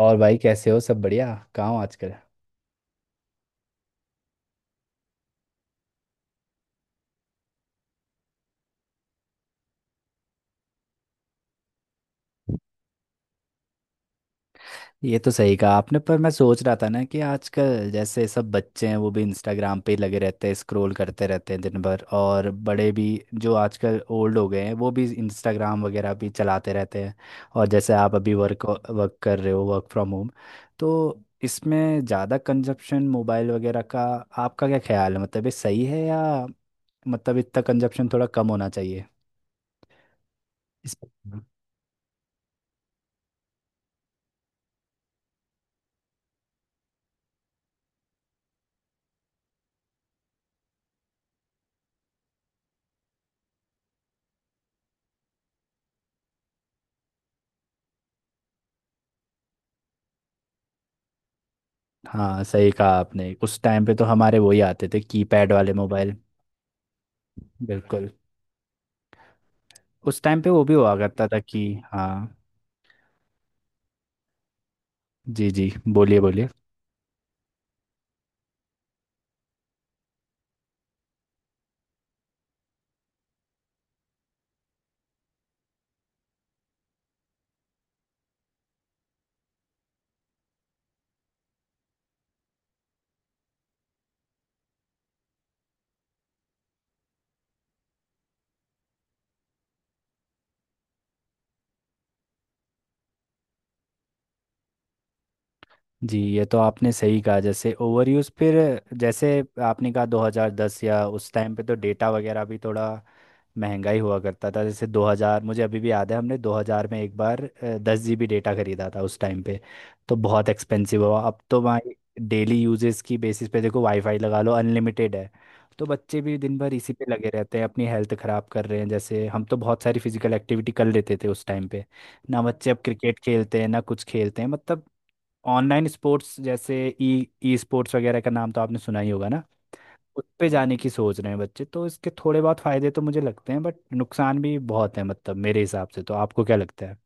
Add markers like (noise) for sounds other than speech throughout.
और भाई, कैसे हो? सब बढ़िया? कहाँ हो आजकल? ये तो सही कहा आपने, पर मैं सोच रहा था ना कि आजकल जैसे सब बच्चे हैं वो भी इंस्टाग्राम पे ही लगे रहते हैं, स्क्रॉल करते रहते हैं दिन भर, और बड़े भी जो आजकल ओल्ड हो गए हैं वो भी इंस्टाग्राम वगैरह भी चलाते रहते हैं। और जैसे आप अभी वर्क वर्क कर रहे हो, वर्क फ्रॉम होम, तो इसमें ज़्यादा कंजप्शन मोबाइल वगैरह का आपका क्या ख्याल है? मतलब ये सही है, या मतलब इतना कंजप्शन थोड़ा कम होना चाहिए? पे? हाँ, सही कहा आपने। उस टाइम पे तो हमारे वही आते थे, कीपैड वाले मोबाइल। बिल्कुल। उस टाइम पे वो भी हुआ करता था कि हाँ। जी जी, बोलिए बोलिए। जी, ये तो आपने सही कहा। जैसे ओवर यूज़ फिर, जैसे आपने कहा 2010 या उस टाइम पे तो डेटा वगैरह भी थोड़ा महंगा ही हुआ करता था। जैसे 2000, मुझे अभी भी याद है हमने 2000 में एक बार 10 जीबी डेटा खरीदा था उस टाइम पे। तो बहुत एक्सपेंसिव हुआ। अब तो भाई डेली यूजेस की बेसिस पे देखो, वाईफाई लगा लो, अनलिमिटेड है। तो बच्चे भी दिन भर इसी पे लगे रहते हैं, अपनी हेल्थ खराब कर रहे हैं। जैसे हम तो बहुत सारी फिजिकल एक्टिविटी कर लेते थे उस टाइम पे। ना बच्चे अब क्रिकेट खेलते हैं ना कुछ खेलते हैं, मतलब ऑनलाइन स्पोर्ट्स जैसे ई ई स्पोर्ट्स वगैरह का नाम तो आपने सुना ही होगा ना। उस पे जाने की सोच रहे हैं बच्चे। तो इसके थोड़े बहुत फायदे तो मुझे लगते हैं, बट नुकसान भी बहुत है मतलब मेरे हिसाब से। तो आपको क्या लगता है?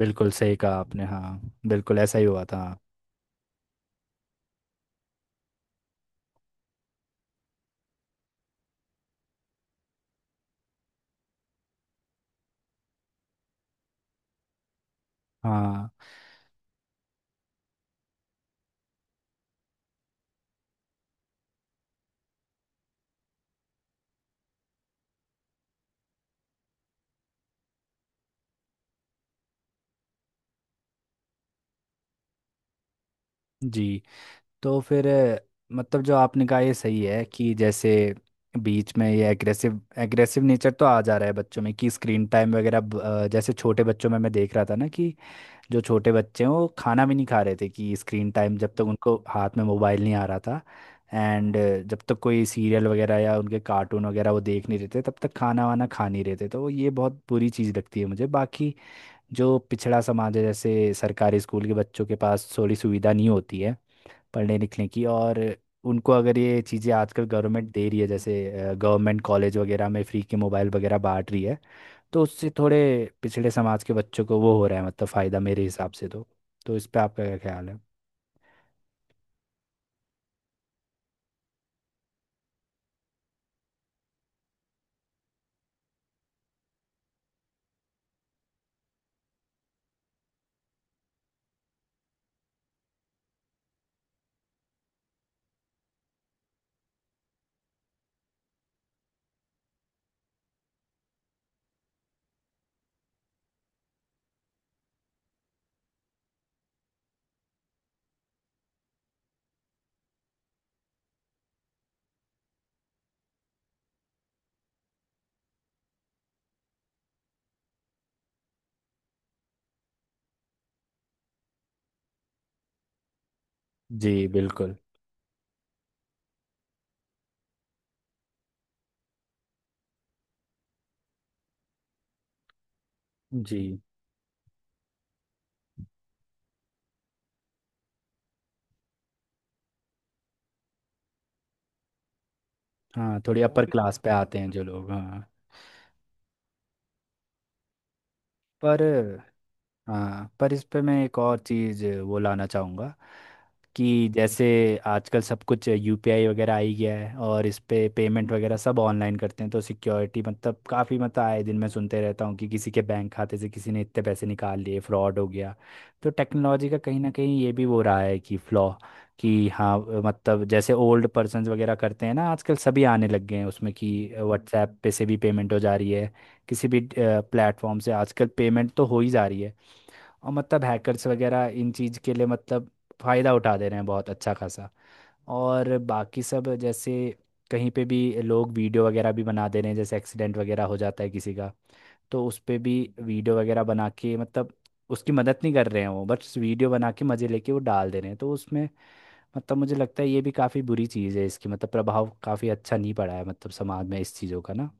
बिल्कुल सही कहा आपने, हाँ। बिल्कुल ऐसा ही हुआ था। हाँ। जी। तो फिर मतलब जो आपने कहा ये सही है, कि जैसे बीच में ये एग्रेसिव एग्रेसिव नेचर तो आ जा रहा है बच्चों में, कि स्क्रीन टाइम वगैरह जैसे छोटे बच्चों में मैं देख रहा था ना कि जो छोटे बच्चे हैं वो खाना भी नहीं खा रहे थे, कि स्क्रीन टाइम जब तक उनको हाथ में मोबाइल नहीं आ रहा था एंड जब तक कोई सीरियल वगैरह या उनके कार्टून वगैरह वो देख नहीं रहे थे, तब तक खाना वाना खा नहीं रहे थे। तो ये बहुत बुरी चीज़ लगती है मुझे। बाकी जो पिछड़ा समाज है, जैसे सरकारी स्कूल के बच्चों के पास थोड़ी सुविधा नहीं होती है पढ़ने लिखने की, और उनको अगर ये चीज़ें आजकल गवर्नमेंट दे रही है, जैसे गवर्नमेंट कॉलेज वगैरह में फ्री के मोबाइल वगैरह बांट रही है, तो उससे थोड़े पिछड़े समाज के बच्चों को वो हो रहा है मतलब फ़ायदा मेरे हिसाब से तो। तो इस पे आपका क्या ख्याल है? जी बिल्कुल। जी। हाँ, थोड़ी अपर क्लास पे आते हैं जो लोग, हाँ। पर हाँ, पर इस पे मैं एक और चीज़ वो लाना चाहूँगा, कि जैसे आजकल सब कुछ यूपीआई वगैरह आ ही गया है और इस पे पेमेंट वगैरह सब ऑनलाइन करते हैं, तो सिक्योरिटी मतलब काफ़ी मतलब आए दिन मैं सुनते रहता हूँ कि किसी के बैंक खाते से किसी ने इतने पैसे निकाल लिए, फ्रॉड हो गया। तो टेक्नोलॉजी का कहीं ना कहीं ये भी वो रहा है कि फ्लॉ। कि हाँ, मतलब जैसे ओल्ड पर्सन वगैरह करते हैं ना, आजकल सभी आने लग गए हैं उसमें, कि व्हाट्सएप पे से भी पेमेंट हो जा रही है, किसी भी प्लेटफॉर्म से आजकल पेमेंट तो हो ही जा रही है। और मतलब hackers वगैरह इन चीज़ के लिए मतलब फ़ायदा उठा दे रहे हैं बहुत अच्छा खासा। और बाकी सब जैसे कहीं पे भी लोग वीडियो वगैरह भी बना दे रहे हैं, जैसे एक्सीडेंट वगैरह हो जाता है किसी का तो उस पे भी वीडियो वगैरह बना के मतलब उसकी मदद नहीं कर रहे हैं, वो बस वीडियो बना के मज़े लेके वो डाल दे रहे हैं। तो उसमें मतलब मुझे लगता है ये भी काफ़ी बुरी चीज़ है, इसकी मतलब प्रभाव काफ़ी अच्छा नहीं पड़ा है मतलब समाज में इस चीज़ों का ना।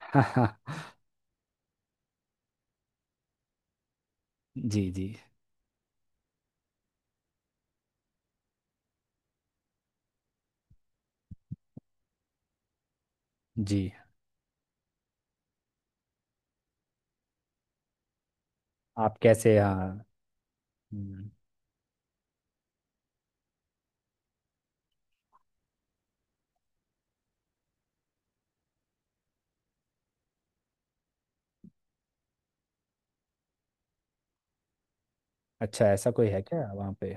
(laughs) हाँ हाँ। जी जी। जी। आप कैसे, हाँ। हम्म, अच्छा, ऐसा कोई है क्या वहाँ पे?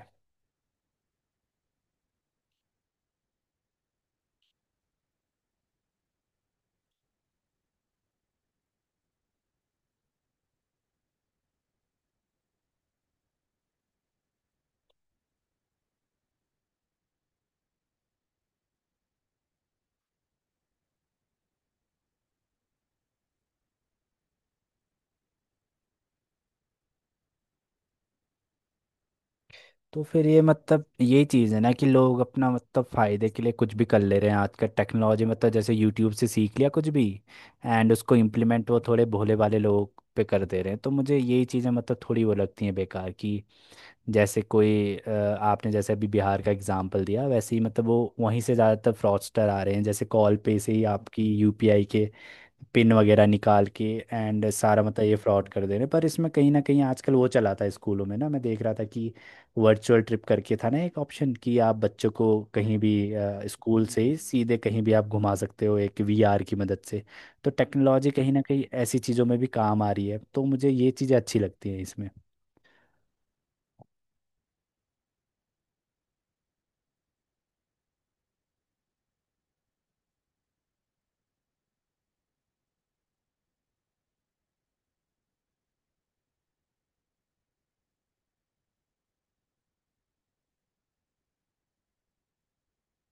तो फिर ये मतलब यही चीज़ है ना, कि लोग अपना मतलब फ़ायदे के लिए कुछ भी कर ले रहे हैं आजकल, टेक्नोलॉजी मतलब जैसे यूट्यूब से सीख लिया कुछ भी एंड उसको इम्प्लीमेंट वो थोड़े भोले वाले लोग पे कर दे रहे हैं। तो मुझे यही चीज़ें मतलब थोड़ी वो लगती हैं बेकार की। जैसे कोई आपने जैसे अभी बिहार का एग्जांपल दिया, वैसे ही मतलब वो वहीं से ज़्यादातर फ्रॉडस्टर आ रहे हैं, जैसे कॉल पे से ही आपकी यूपीआई के पिन वगैरह निकाल के एंड सारा मतलब ये फ्रॉड कर दे रहे हैं। पर इसमें कहीं ना कहीं आजकल वो चला था स्कूलों में ना, मैं देख रहा था कि वर्चुअल ट्रिप करके था ना एक ऑप्शन, कि आप बच्चों को कहीं भी स्कूल से ही सीधे कहीं भी आप घुमा सकते हो एक वीआर की मदद से। तो टेक्नोलॉजी कहीं ना कहीं ऐसी चीज़ों में भी काम आ रही है, तो मुझे ये चीज़ें अच्छी लगती हैं इसमें।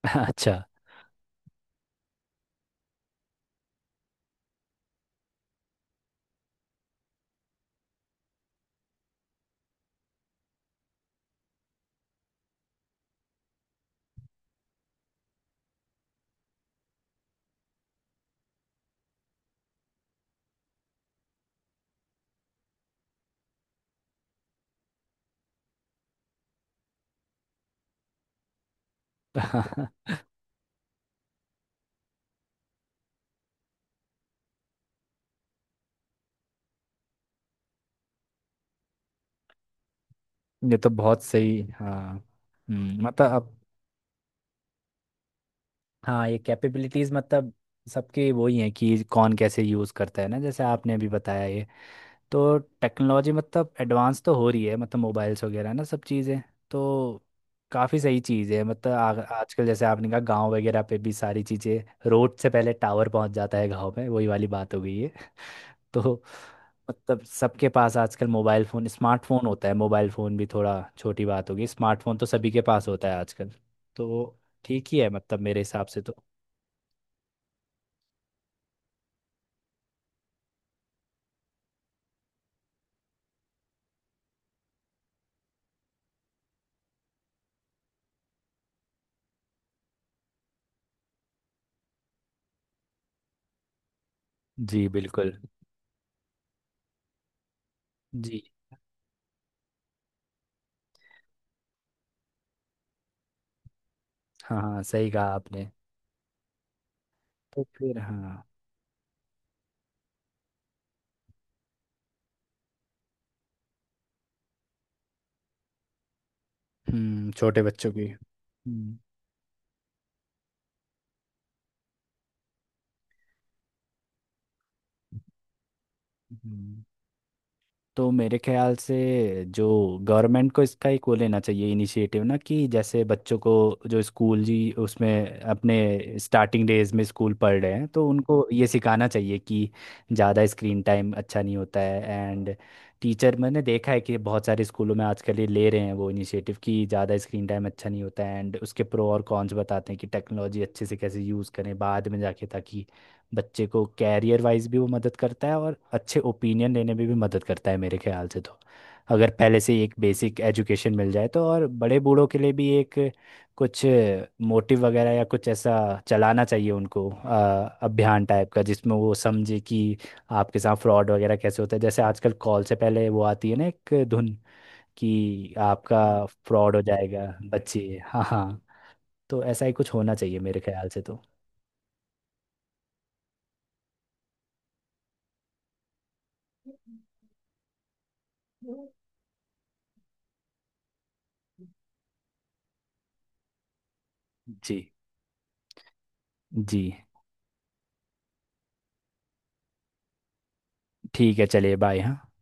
(laughs) अच्छा। (laughs) ये तो बहुत सही, हाँ। मतलब अब हाँ, ये कैपेबिलिटीज़ मतलब सबके वही हैं, कि कौन कैसे यूज़ करता है ना, जैसे आपने अभी बताया ये। तो टेक्नोलॉजी मतलब एडवांस तो हो रही है, मतलब मोबाइल्स वगैरह ना सब चीज़ें। तो काफ़ी सही चीज़ है मतलब आजकल जैसे आपने कहा गांव वगैरह पे भी सारी चीज़ें, रोड से पहले टावर पहुंच जाता है गांव में, वही वाली बात हो गई है। तो मतलब सबके पास आजकल मोबाइल फ़ोन स्मार्टफोन होता है, मोबाइल फ़ोन भी थोड़ा छोटी बात होगी, स्मार्टफोन तो सभी के पास होता है आजकल। तो ठीक ही है मतलब मेरे हिसाब से तो। जी बिल्कुल। जी। हाँ हाँ, सही कहा आपने। तो फिर हाँ। हम्म, छोटे बच्चों की। हम्म। हम्म। तो मेरे ख्याल से जो गवर्नमेंट को इसका एक वो लेना चाहिए इनिशिएटिव ना, कि जैसे बच्चों को जो स्कूल जी उसमें अपने स्टार्टिंग डेज में स्कूल पढ़ रहे हैं तो उनको ये सिखाना चाहिए कि ज़्यादा स्क्रीन टाइम अच्छा नहीं होता है। एंड टीचर, मैंने देखा है कि बहुत सारे स्कूलों में आजकल ये ले रहे हैं वो इनिशिएटिव, कि ज़्यादा स्क्रीन टाइम अच्छा नहीं होता है एंड उसके प्रो और कॉन्स बताते हैं कि टेक्नोलॉजी अच्छे से कैसे यूज़ करें बाद में जाके, ताकि बच्चे को कैरियर वाइज भी वो मदद करता है और अच्छे ओपिनियन लेने में भी मदद करता है मेरे ख्याल से तो, अगर पहले से ही एक बेसिक एजुकेशन मिल जाए तो। और बड़े बूढ़ों के लिए भी एक कुछ मोटिव वगैरह या कुछ ऐसा चलाना चाहिए उनको, अभियान टाइप का, जिसमें वो समझे कि आपके साथ फ्रॉड वगैरह कैसे होता है, जैसे आजकल कॉल से पहले वो आती है ना एक धुन कि आपका हाँ फ्रॉड हो जाएगा। बच्चे, हाँ हाँ, तो ऐसा ही कुछ होना चाहिए मेरे ख्याल से तो। जी जी। ठीक है, चलिए, बाय, हाँ।